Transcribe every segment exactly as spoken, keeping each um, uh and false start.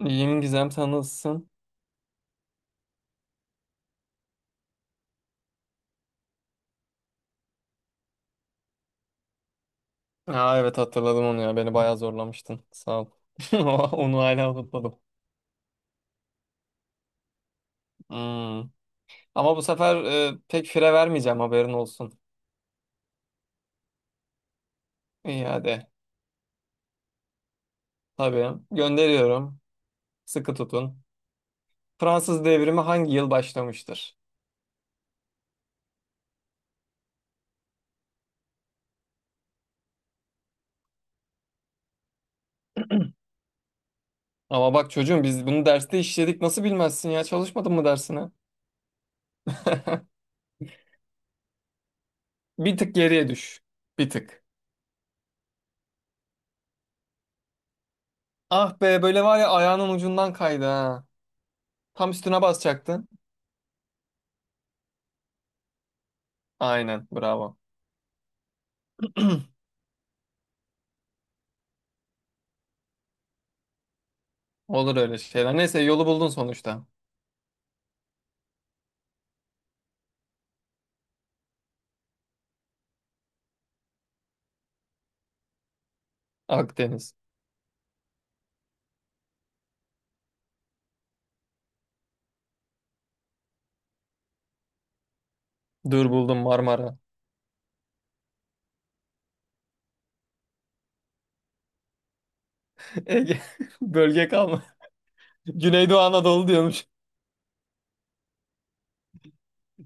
İyiyim Gizem, sen nasılsın? Ha evet, hatırladım onu ya, beni bayağı zorlamıştın, sağ ol. Onu hala unutmadım. Hmm. Ama bu sefer e, pek fire vermeyeceğim, haberin olsun. İyi, hadi. Tabii, gönderiyorum. Sıkı tutun. Fransız devrimi hangi yıl başlamıştır? Ama bak çocuğum, biz bunu derste işledik, nasıl bilmezsin ya, çalışmadın mı dersine? Bir tık geriye düş. Bir tık. Ah be, böyle var ya, ayağının ucundan kaydı ha. Tam üstüne basacaktın. Aynen, bravo. Olur öyle şeyler. Neyse, yolu buldun sonuçta. Akdeniz. Dur buldum, Marmara. Ege. Bölge kalma. Güneydoğu Anadolu diyormuş.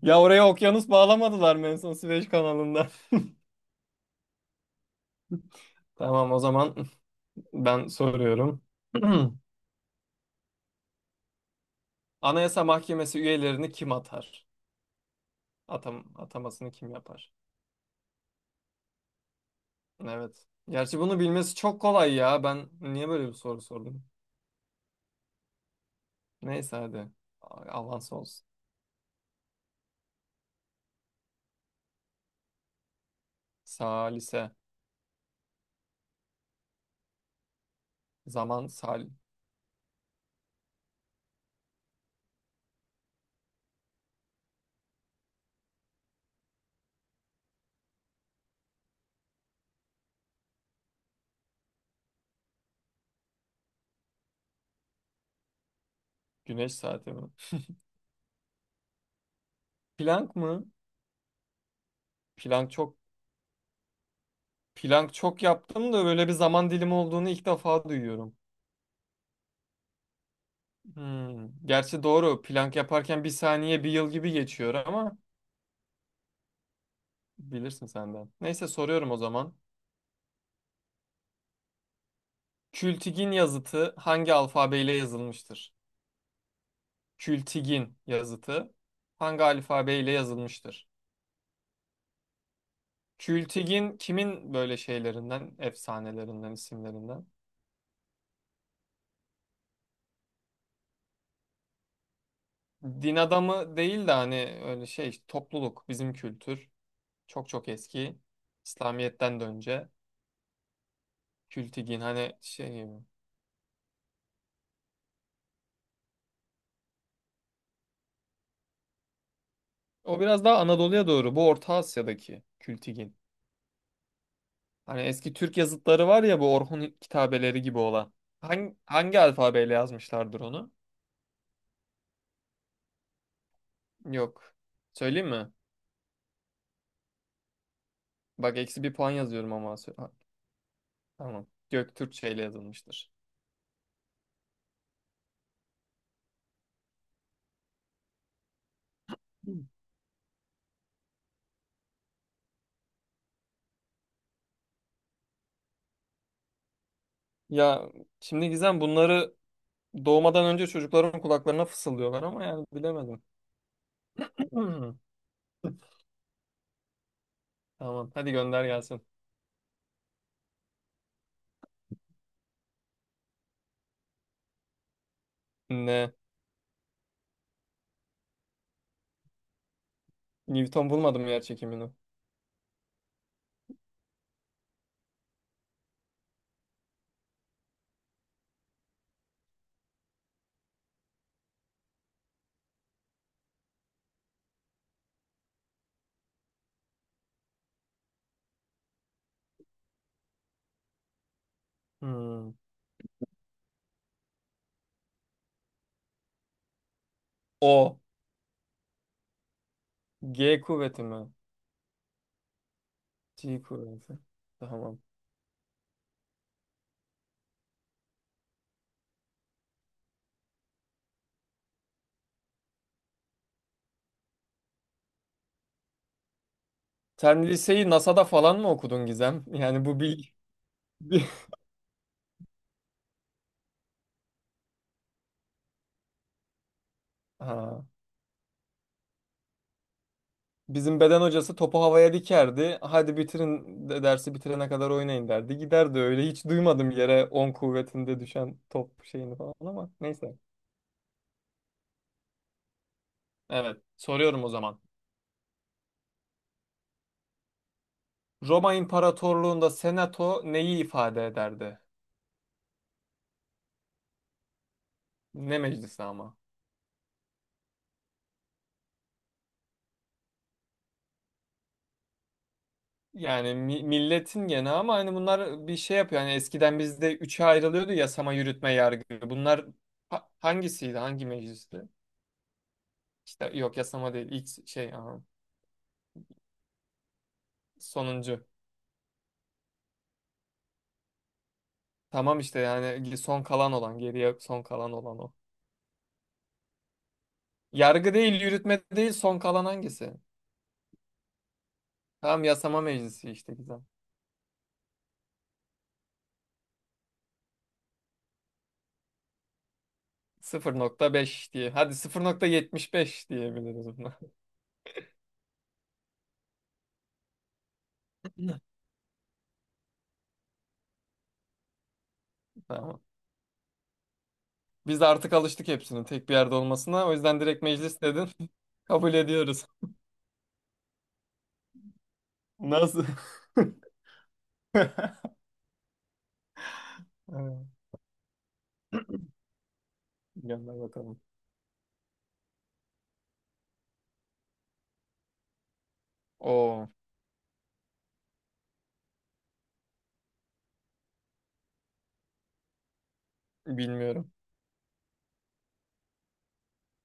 Ya oraya okyanus bağlamadılar mı en son Süveyş kanalında? Tamam o zaman ben soruyorum. Anayasa Mahkemesi üyelerini kim atar? Atam atamasını kim yapar? Evet. Gerçi bunu bilmesi çok kolay ya. Ben niye böyle bir soru sordum? Neyse, hadi. Avans olsun. Salise. Zaman sal. Güneş saati mi? Planck mı? Plank çok plank çok yaptım da böyle bir zaman dilimi olduğunu ilk defa duyuyorum. Hmm. Gerçi doğru. Plank yaparken bir saniye bir yıl gibi geçiyor ama bilirsin senden. Neyse, soruyorum o zaman. Kültigin yazıtı hangi alfabeyle yazılmıştır? Kültigin yazıtı hangi alfabeyle yazılmıştır? Kültigin kimin böyle şeylerinden, efsanelerinden, isimlerinden? Din adamı değil de hani öyle şey topluluk, bizim kültür. Çok çok eski. İslamiyet'ten de önce. Kültigin hani şey, o biraz daha Anadolu'ya doğru. Bu Orta Asya'daki Kültigin. Hani eski Türk yazıtları var ya, bu Orhun kitabeleri gibi olan. Hangi, hangi alfabeyle yazmışlardır onu? Yok. Söyleyeyim mi? Bak eksi bir puan yazıyorum ama. Sö- ha, tamam. Göktürkçe ile yazılmıştır. Hı. Ya şimdi Gizem, bunları doğmadan önce çocukların kulaklarına fısıldıyorlar ama yani bilemedim. Tamam hadi, gönder gelsin. Ne? Newton bulmadım yer çekimini. Hmm. O. G kuvveti mi? G kuvveti. Tamam. Sen liseyi NASA'da falan mı okudun Gizem? Yani bu bir... bir- Ha. Bizim beden hocası topu havaya dikerdi. Hadi bitirin de dersi, bitirene kadar oynayın derdi. Giderdi öyle. Hiç duymadım yere on kuvvetinde düşen top şeyini falan ama neyse. Evet. Soruyorum o zaman. Roma İmparatorluğu'nda senato neyi ifade ederdi? Ne meclisi ama? Yani mi- milletin gene ama hani bunlar bir şey yapıyor. Hani eskiden bizde üçe ayrılıyordu: yasama, yürütme, yargı. Bunlar ha- hangisiydi? Hangi meclisti? İşte yok, yasama değil. İlk şey aha, sonuncu. Tamam, işte yani son kalan olan, geriye son kalan olan o. Yargı değil, yürütme değil, son kalan hangisi? Tamam, yasama meclisi işte, güzel. sıfır nokta beş diye. Hadi sıfır nokta yetmiş beş diyebiliriz buna. Tamam. Biz de artık alıştık hepsinin tek bir yerde olmasına. O yüzden direkt meclis dedin. Kabul ediyoruz. Nasıl? Evet. Gönder bakalım. Oo, bilmiyorum.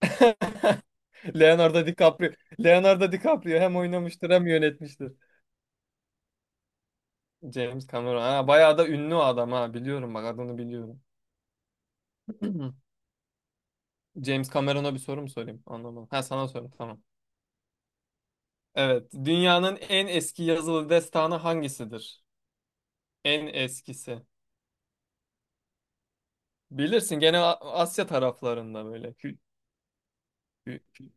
Leonardo DiCaprio. Leonardo DiCaprio hem oynamıştır hem yönetmiştir. James Cameron. Ha, bayağı da ünlü o adam ha. Biliyorum, bak adını biliyorum. James Cameron'a bir soru mu sorayım? Anlamadım. Ha, sana sorayım, tamam. Evet. Dünyanın en eski yazılı destanı hangisidir? En eskisi. Bilirsin gene A- Asya taraflarında böyle. Kü- kü- kü-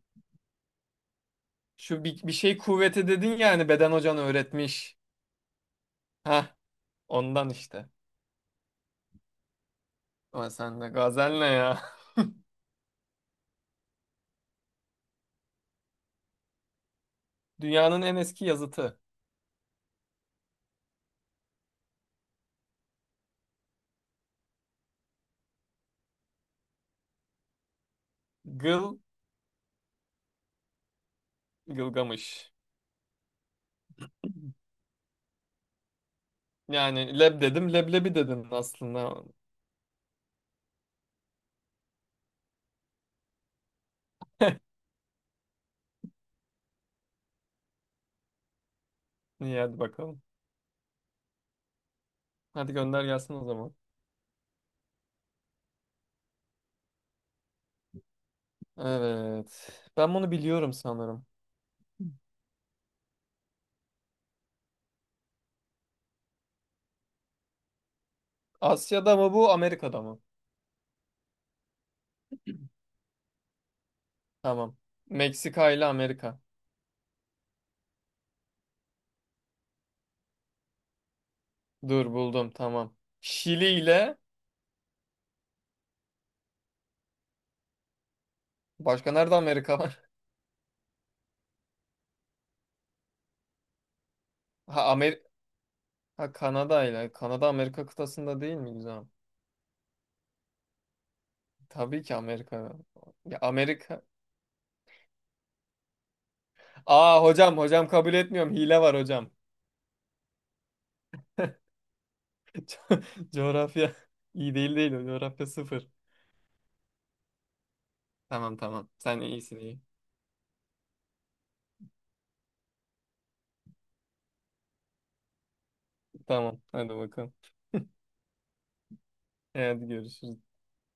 Şu bir, bir şey kuvveti dedin ya hani, beden hocan öğretmiş. Ha, ondan işte. Ama sen de gazel ne ya? Dünyanın en eski yazıtı. Gıl Gılgamış. Yani leb dedim leblebi dedin aslında. İyi hadi bakalım. Hadi gönder gelsin o zaman. Evet. Ben bunu biliyorum sanırım. Asya'da mı bu, Amerika'da mı? Tamam. Meksika ile Amerika. Dur buldum, tamam. Şili ile başka nerede Amerika var? Ha, Amer ha Kanada ile. Kanada Amerika kıtasında değil mi güzel? Tabii ki Amerika. Ya Amerika. Aa hocam, hocam kabul etmiyorum. Hile var hocam. Co- Coğrafya iyi değil değil. Coğrafya sıfır. Tamam tamam. Sen iyisin, iyi. Tamam hadi bakalım. E, Hadi görüşürüz.